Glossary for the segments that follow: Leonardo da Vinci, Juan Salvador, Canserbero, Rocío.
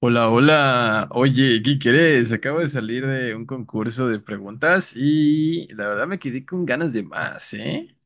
Hola, hola. Oye, ¿qué quieres? Acabo de salir de un concurso de preguntas y la verdad me quedé con ganas de más, ¿eh?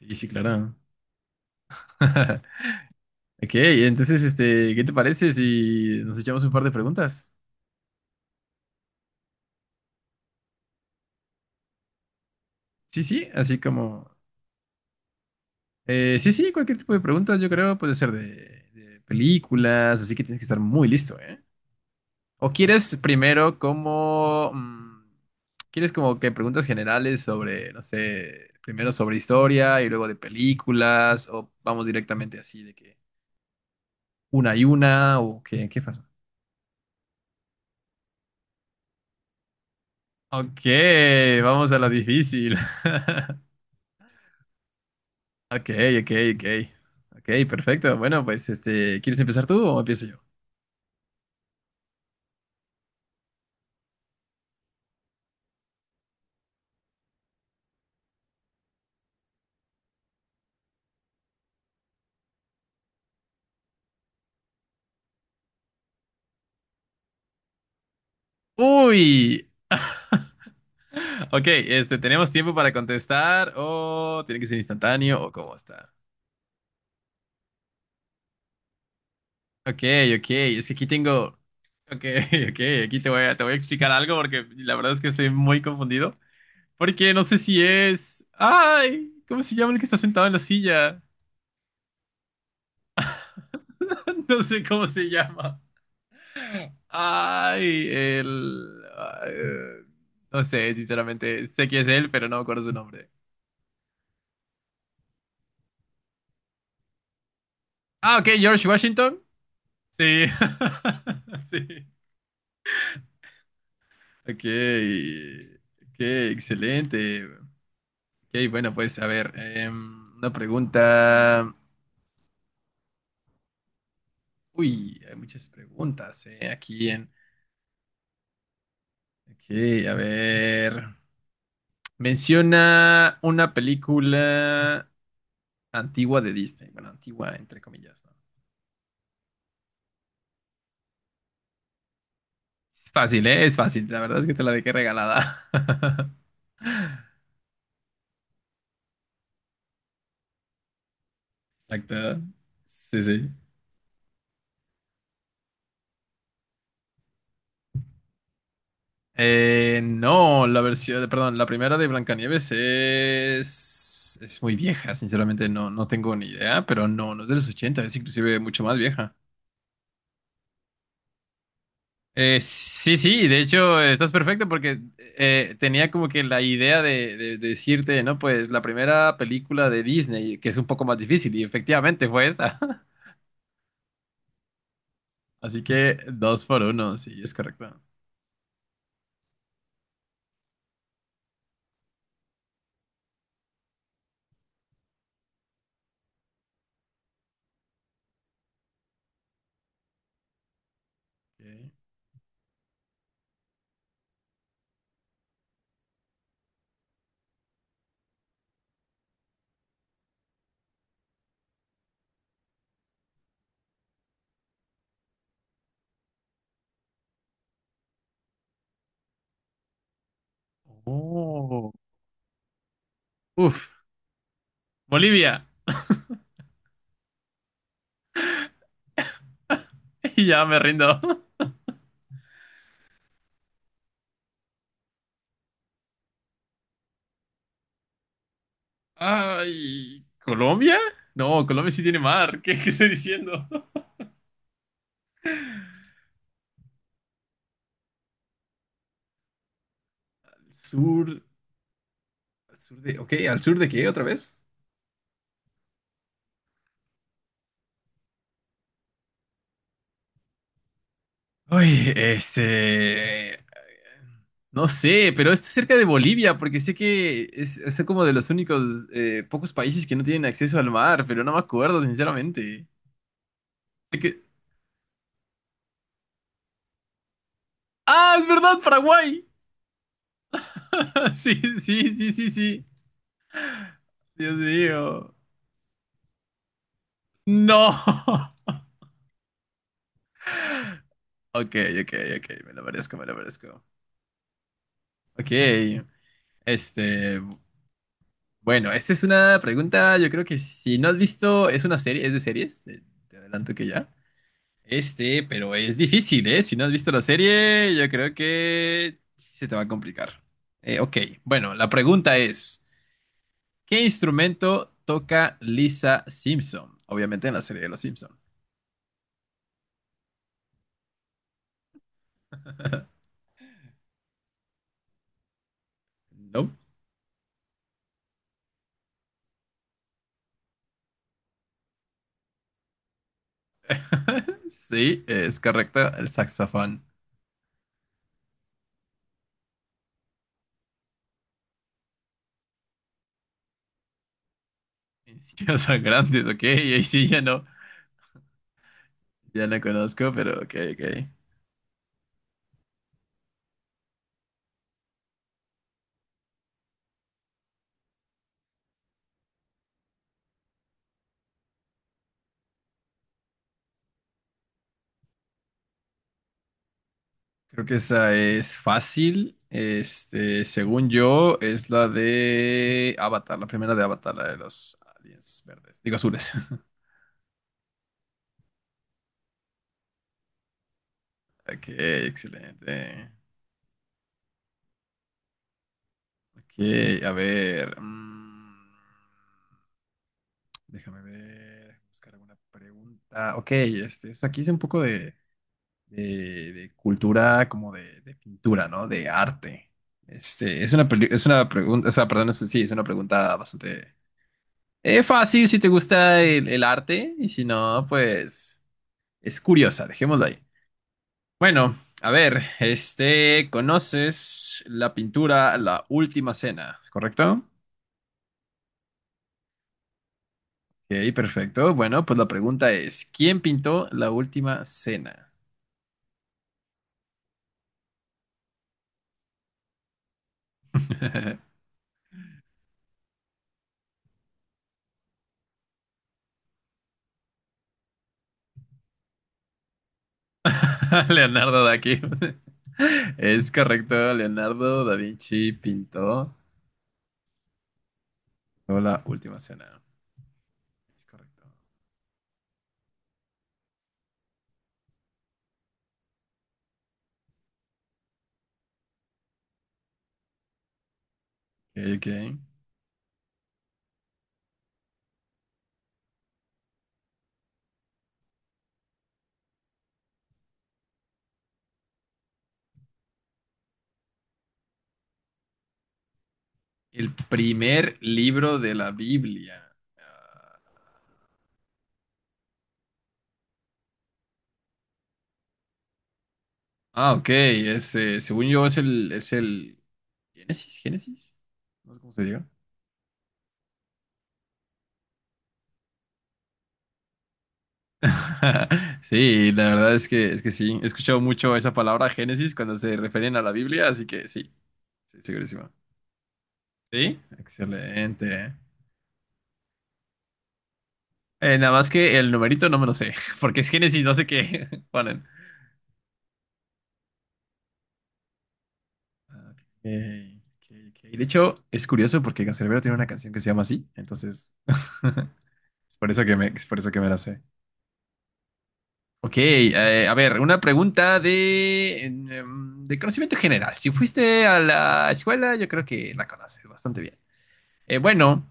Sí, sí, claro. Ok, entonces, ¿qué te parece si nos echamos un par de preguntas? Sí, sí, así como... sí, sí, cualquier tipo de preguntas, yo creo, puede ser de películas, así que tienes que estar muy listo, ¿eh? ¿O quieres primero como... ¿quieres como que preguntas generales sobre, no sé, primero sobre historia y luego de películas? ¿O vamos directamente así de que una y una? ¿O qué pasa? Ok, vamos a lo difícil. Ok, ok, ok. Ok, perfecto. Bueno, pues ¿quieres empezar tú o empiezo yo? ¡Uy! Ok, ¿tenemos tiempo para contestar o tiene que ser instantáneo o cómo está? Ok, ok, es que ok, ok, aquí te te voy a explicar algo porque la verdad es que estoy muy confundido, porque no sé si es, ay, ¿cómo se llama el que está sentado en la silla? No sé cómo se llama. Ay, el, eh, no sé, sinceramente, sé que es él, pero no me acuerdo su nombre. Ah, ok, George Washington. Sí, sí. Ok, ok, excelente. Ok, bueno, pues a ver, una pregunta. Uy, hay muchas preguntas, aquí en. Ok, a ver. Menciona una película antigua de Disney. Bueno, antigua, entre comillas, ¿no? Es fácil, ¿eh? Es fácil. La verdad es que te la dejé regalada. Exacto. Sí, sí. No, la versión, perdón, la primera de Blancanieves es muy vieja, sinceramente no, no tengo ni idea, pero no, no es de los 80, es inclusive mucho más vieja. Sí, sí, de hecho estás perfecto porque tenía como que la idea de decirte, ¿no? Pues la primera película de Disney, que es un poco más difícil, y efectivamente fue esta. Así que dos por uno, sí, es correcto. Ok. Oh. Uf, Bolivia, ya me rindo. Ay, ¿Colombia? No, Colombia sí tiene mar. ¿Qué, qué estoy diciendo? Sur, al sur de, ok, ¿al sur de qué otra vez? Uy, no sé, pero está cerca de Bolivia, porque sé que es como de los únicos pocos países que no tienen acceso al mar, pero no me acuerdo, sinceramente. Sé que- ¡Ah, es verdad, Paraguay! Sí, sí, sí, sí, sí. Dios mío. No. Ok, ok, ok, me lo merezco, me lo merezco. Ok. Este, bueno, esta es una pregunta, yo creo que si no has visto, es una serie, es de series, te adelanto que ya. Este, pero es difícil, ¿eh? Si no has visto la serie, yo creo que sí se te va a complicar. Ok, bueno, la pregunta es, ¿qué instrumento toca Lisa Simpson? Obviamente en la serie de los Simpson. No. Sí, es correcto, el saxofón. Mis hijos son grandes, ok, y ahí sí ya no, ya no conozco, pero ok, ok. Creo que esa es fácil. Este, según yo, es la de Avatar, la primera de Avatar, la de los aliens verdes. Digo azules. Ok, excelente. Ok, a ver. Déjame ver. Buscar alguna pregunta. Ok, aquí es un poco de- de cultura, como de pintura, ¿no? De arte. Es una pregunta, o sea, perdón, sí, es una pregunta bastante. Es fácil si te gusta el arte y si no, pues es curiosa, dejémoslo ahí. Bueno, a ver, ¿conoces la pintura La Última Cena? ¿Es ¿Correcto? Ok, perfecto. Bueno, pues la pregunta es, ¿quién pintó La Última Cena? Leonardo da Vinci. Es correcto, Leonardo da Vinci pintó La Última Cena. Es correcto. Ok, ok. El primer libro de la Biblia. Ah, ah, ok. Es, según yo es el Génesis. No sé cómo se diga. Sí, la verdad es es que sí. He escuchado mucho esa palabra Génesis cuando se refieren a la Biblia, así que sí. Sí, segurísimo. Sí, excelente. Nada más que el numerito no me lo sé, porque es Génesis, no sé qué. Bueno, ah, ok, ok, ok. De hecho, es curioso porque Canserbero tiene una canción que se llama así, entonces es por es por eso que me la sé. Ok, a ver, una pregunta de conocimiento general. Si fuiste a la escuela, yo creo que la conoces bastante bien. Bueno,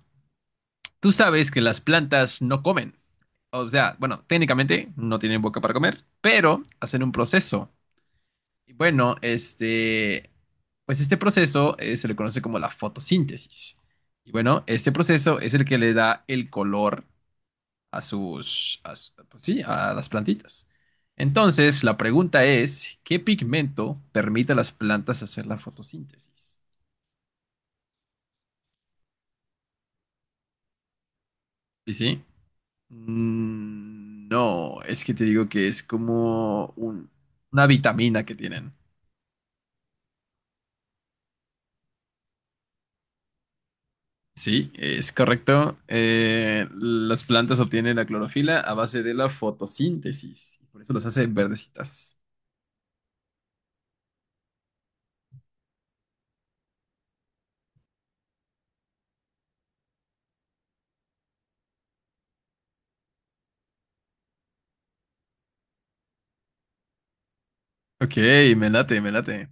tú sabes que las plantas no comen. O sea, bueno, técnicamente no tienen boca para comer, pero hacen un proceso. Y bueno, pues este proceso se le conoce como la fotosíntesis. Y bueno, este proceso es el que le da el color a sus, a su- pues sí, a las plantitas. Entonces, la pregunta es, ¿qué pigmento permite a las plantas hacer la fotosíntesis? ¿Sí, sí? Mm, no, es que te digo que es como una vitamina que tienen. Sí, es correcto. Las plantas obtienen la clorofila a base de la fotosíntesis. Y por eso las hace verdecitas. Ok, me late, me late.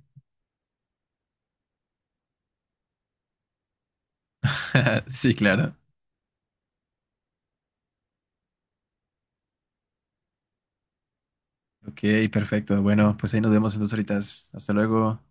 Sí, claro. Ok, perfecto. Bueno, pues ahí nos vemos entonces ahorita. Hasta luego.